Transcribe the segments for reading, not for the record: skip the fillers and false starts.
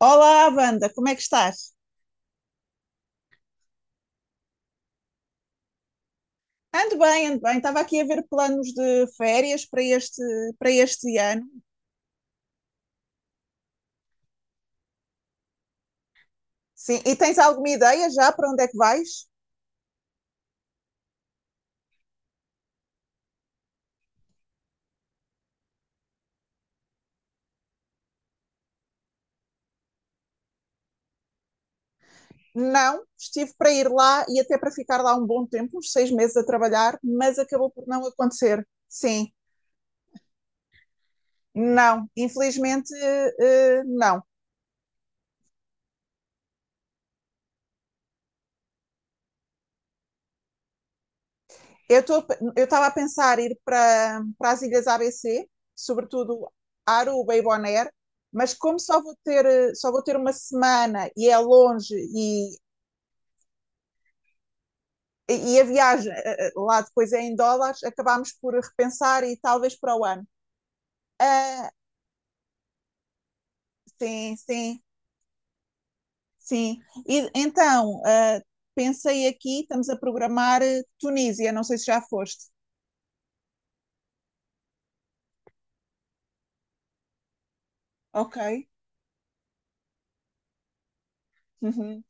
Olá, Wanda, como é que estás? Ando bem, ando bem. Estava aqui a ver planos de férias para este ano. Sim, e tens alguma ideia já para onde é que vais? Não, estive para ir lá e até para ficar lá um bom tempo, uns seis meses a trabalhar, mas acabou por não acontecer. Sim, não, infelizmente, não. Eu estou, eu estava a pensar ir para as ilhas ABC, sobretudo Aruba e Bonaire, mas como só vou ter só vou ter uma semana e é longe e a viagem lá depois é em dólares, acabámos por repensar e talvez para o ano. Ah, sim, sim, sim. E então, pensei aqui, estamos a programar Tunísia, não sei se já foste. Ok. Uhum.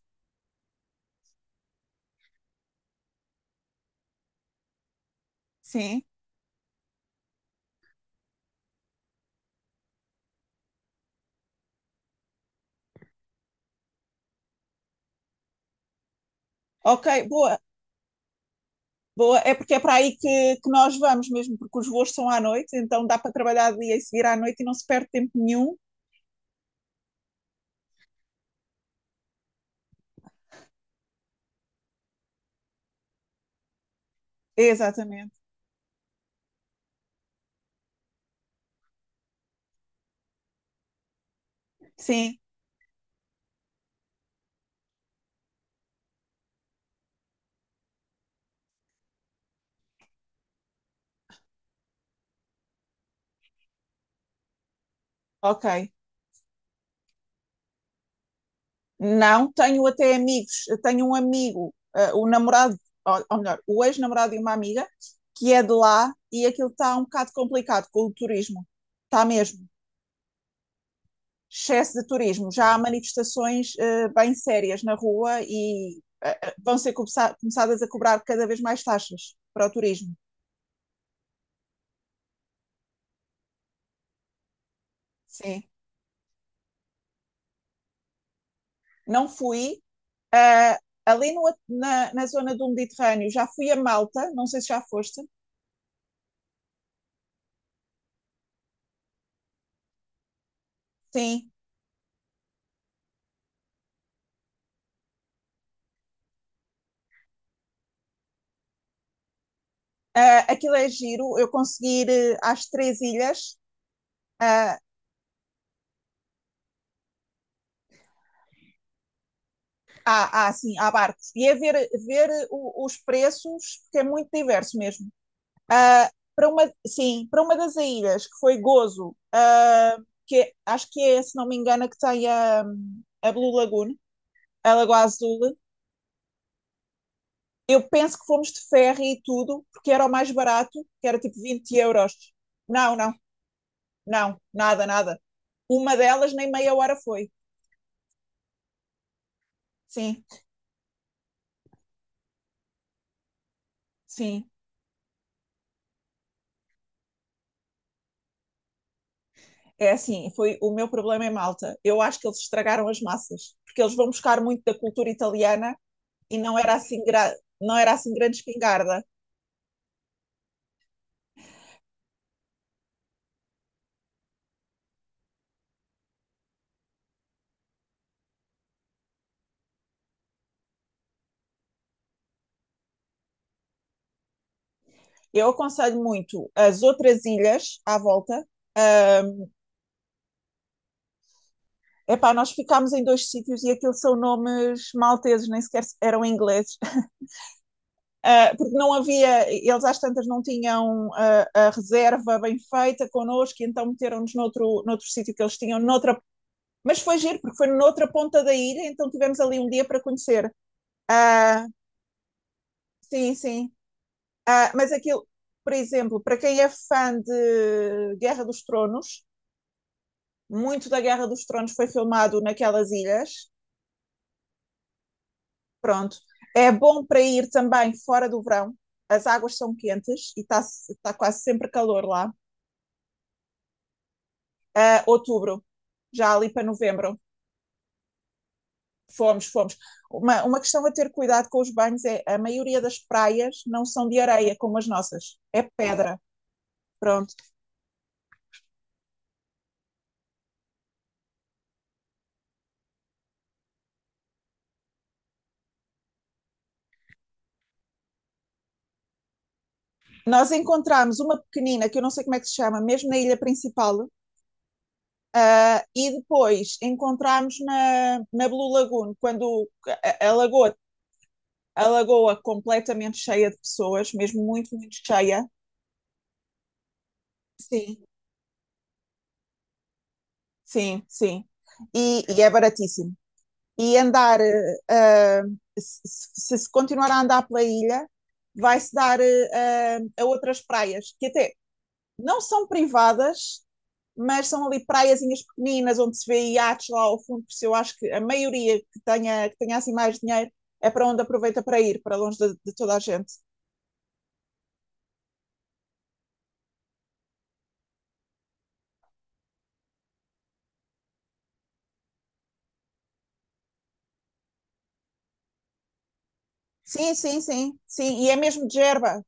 Sim. Ok, boa. Boa, é porque é para aí que nós vamos mesmo, porque os voos são à noite, então dá para trabalhar de dia e seguir à noite e não se perde tempo nenhum. Exatamente. Sim, ok. Não, tenho até amigos. Eu tenho um amigo, o namorado, ou melhor, o ex-namorado de uma amiga, que é de lá e aquilo está um bocado complicado com o turismo. Está mesmo. Excesso de turismo. Já há manifestações bem sérias na rua e vão ser começadas a cobrar cada vez mais taxas para o turismo. Sim. Não fui. Uh, ali no, na, na zona do Mediterrâneo já fui a Malta, não sei se já foste. Sim, aquilo é giro. Eu consegui ir às três ilhas. uh, há assim, há barcos, e é ver, ver os preços, porque é muito diverso mesmo. Uh, para uma, sim, para uma das ilhas, que foi Gozo, acho que é, se não me engano, a que tem a Blue Lagoon, a Lagoa Azul. Eu penso que fomos de ferro e tudo, porque era o mais barato, que era tipo 20 euros. Não, não, não, nada, nada. Uma delas nem meia hora foi. Sim, sim. É assim, foi o meu problema em Malta. Eu acho que eles estragaram as massas, porque eles vão buscar muito da cultura italiana e não era assim, não era assim grande espingarda. Eu aconselho muito as outras ilhas à volta. Ahm, epá, nós ficámos em dois sítios e aquilo são nomes malteses, nem sequer eram ingleses. Porque não havia, eles às tantas não tinham a reserva bem feita connosco, e então meteram-nos noutro, noutro sítio que eles tinham, noutra, mas foi giro, porque foi noutra ponta da ilha, então tivemos ali um dia para conhecer. Uh, sim, sim. Mas aquilo, por exemplo, para quem é fã de Guerra dos Tronos, muito da Guerra dos Tronos foi filmado naquelas ilhas, pronto. É bom para ir também fora do verão, as águas são quentes e está tá quase sempre calor lá. Outubro, já ali para novembro. Fomos, fomos. Uma questão a ter cuidado com os banhos é a maioria das praias não são de areia como as nossas, é pedra. Pronto. Nós encontramos uma pequenina, que eu não sei como é que se chama, mesmo na ilha principal. E depois encontramos na Blue Lagoon, quando lagoa, a lagoa completamente cheia de pessoas, mesmo muito, muito cheia. Sim, sim, sim. E é baratíssimo. E andar, se continuar a andar pela ilha, vai-se dar a outras praias, que até não são privadas, mas são ali praiazinhas pequeninas, onde se vê iates lá ao fundo, por isso eu acho que a maioria que tenha assim mais dinheiro é para onde aproveita para ir, para longe de toda a gente. Sim, sim, sim, sim, e é mesmo de Gerba,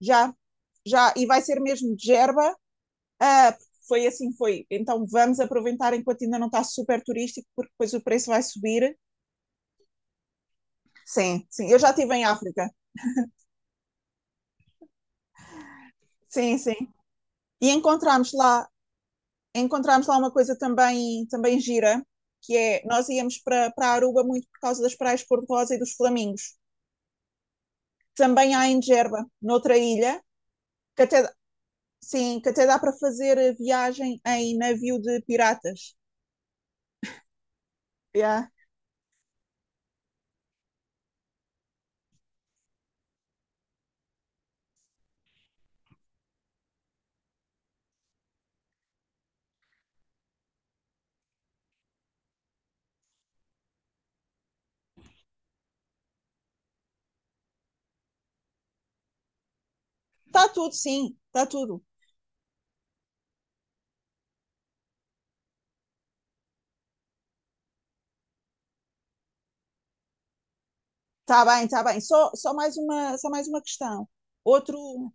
já. Já, e vai ser mesmo de Gerba. uh, foi assim, foi. Então vamos aproveitar enquanto ainda não está super turístico, porque depois o preço vai subir. Sim, sim, eu já estive em África. Sim, sim. E encontramos lá uma coisa também, também gira, que é, nós íamos para Aruba muito por causa das praias cor-de-rosa e dos flamingos. Também há em Gerba, noutra ilha, que até, sim, que até dá para fazer viagem em navio de piratas. Yeah. Está tudo, sim, está tudo. Está bem, está bem. Só, só mais uma questão. Outro,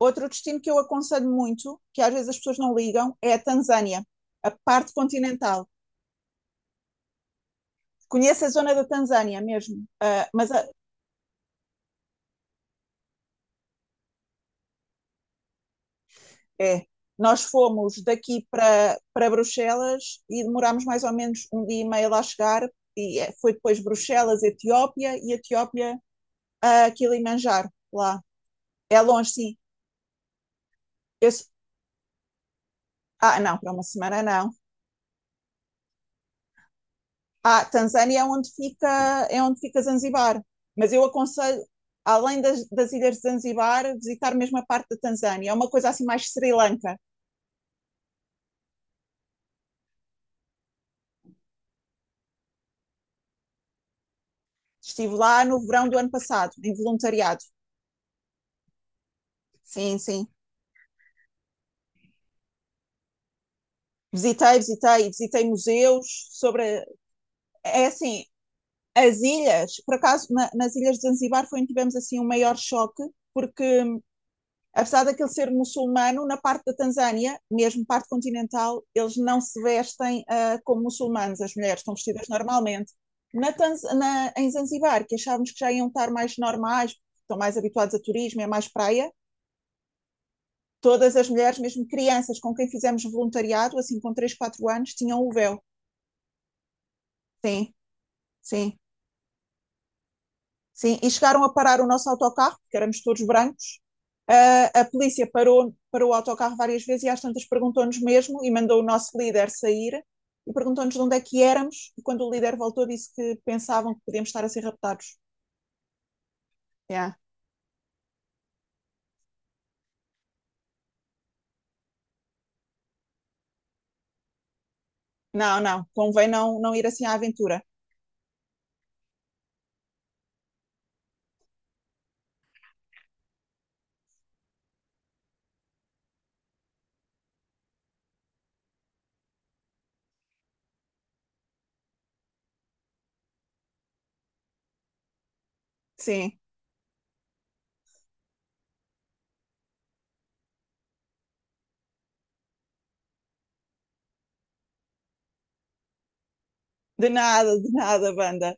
outro destino que eu aconselho muito, que às vezes as pessoas não ligam, é a Tanzânia, a parte continental. Conheço a zona da Tanzânia mesmo, é. Nós fomos daqui para Bruxelas e demorámos mais ou menos um dia e meio lá chegar, e foi depois Bruxelas, Etiópia e Etiópia a Kilimanjaro, lá. É longe, sim. Eu, s- não, para uma semana não. Ah, Tanzânia é onde fica Zanzibar. Mas eu aconselho, além das ilhas de Zanzibar, visitar mesmo a parte da Tanzânia. É uma coisa assim mais Sri Lanka. Estive lá no verão do ano passado, em voluntariado. Sim, sim. Visitei, visitei, visitei museus sobre. É assim, as ilhas, por acaso, nas ilhas de Zanzibar foi onde tivemos assim um maior choque, porque apesar daquele ser muçulmano, na parte da Tanzânia, mesmo parte continental, eles não se vestem como muçulmanos, as mulheres estão vestidas normalmente. Na em Zanzibar, que achávamos que já iam estar mais normais, estão mais habituados a turismo, é mais praia, todas as mulheres, mesmo crianças com quem fizemos voluntariado, assim com 3 4 anos, tinham o véu. Sim, sim. Sim, e chegaram a parar o nosso autocarro, porque éramos todos brancos. Ah, a polícia parou, parou o autocarro várias vezes e às tantas perguntou-nos mesmo e mandou o nosso líder sair e perguntou-nos de onde é que éramos. E quando o líder voltou, disse que pensavam que podíamos estar a ser raptados. Yeah. Não, não, convém não, não ir assim à aventura. Sim, de nada, banda.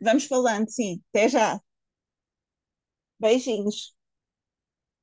Vamos falando, sim. Até já. Beijinhos.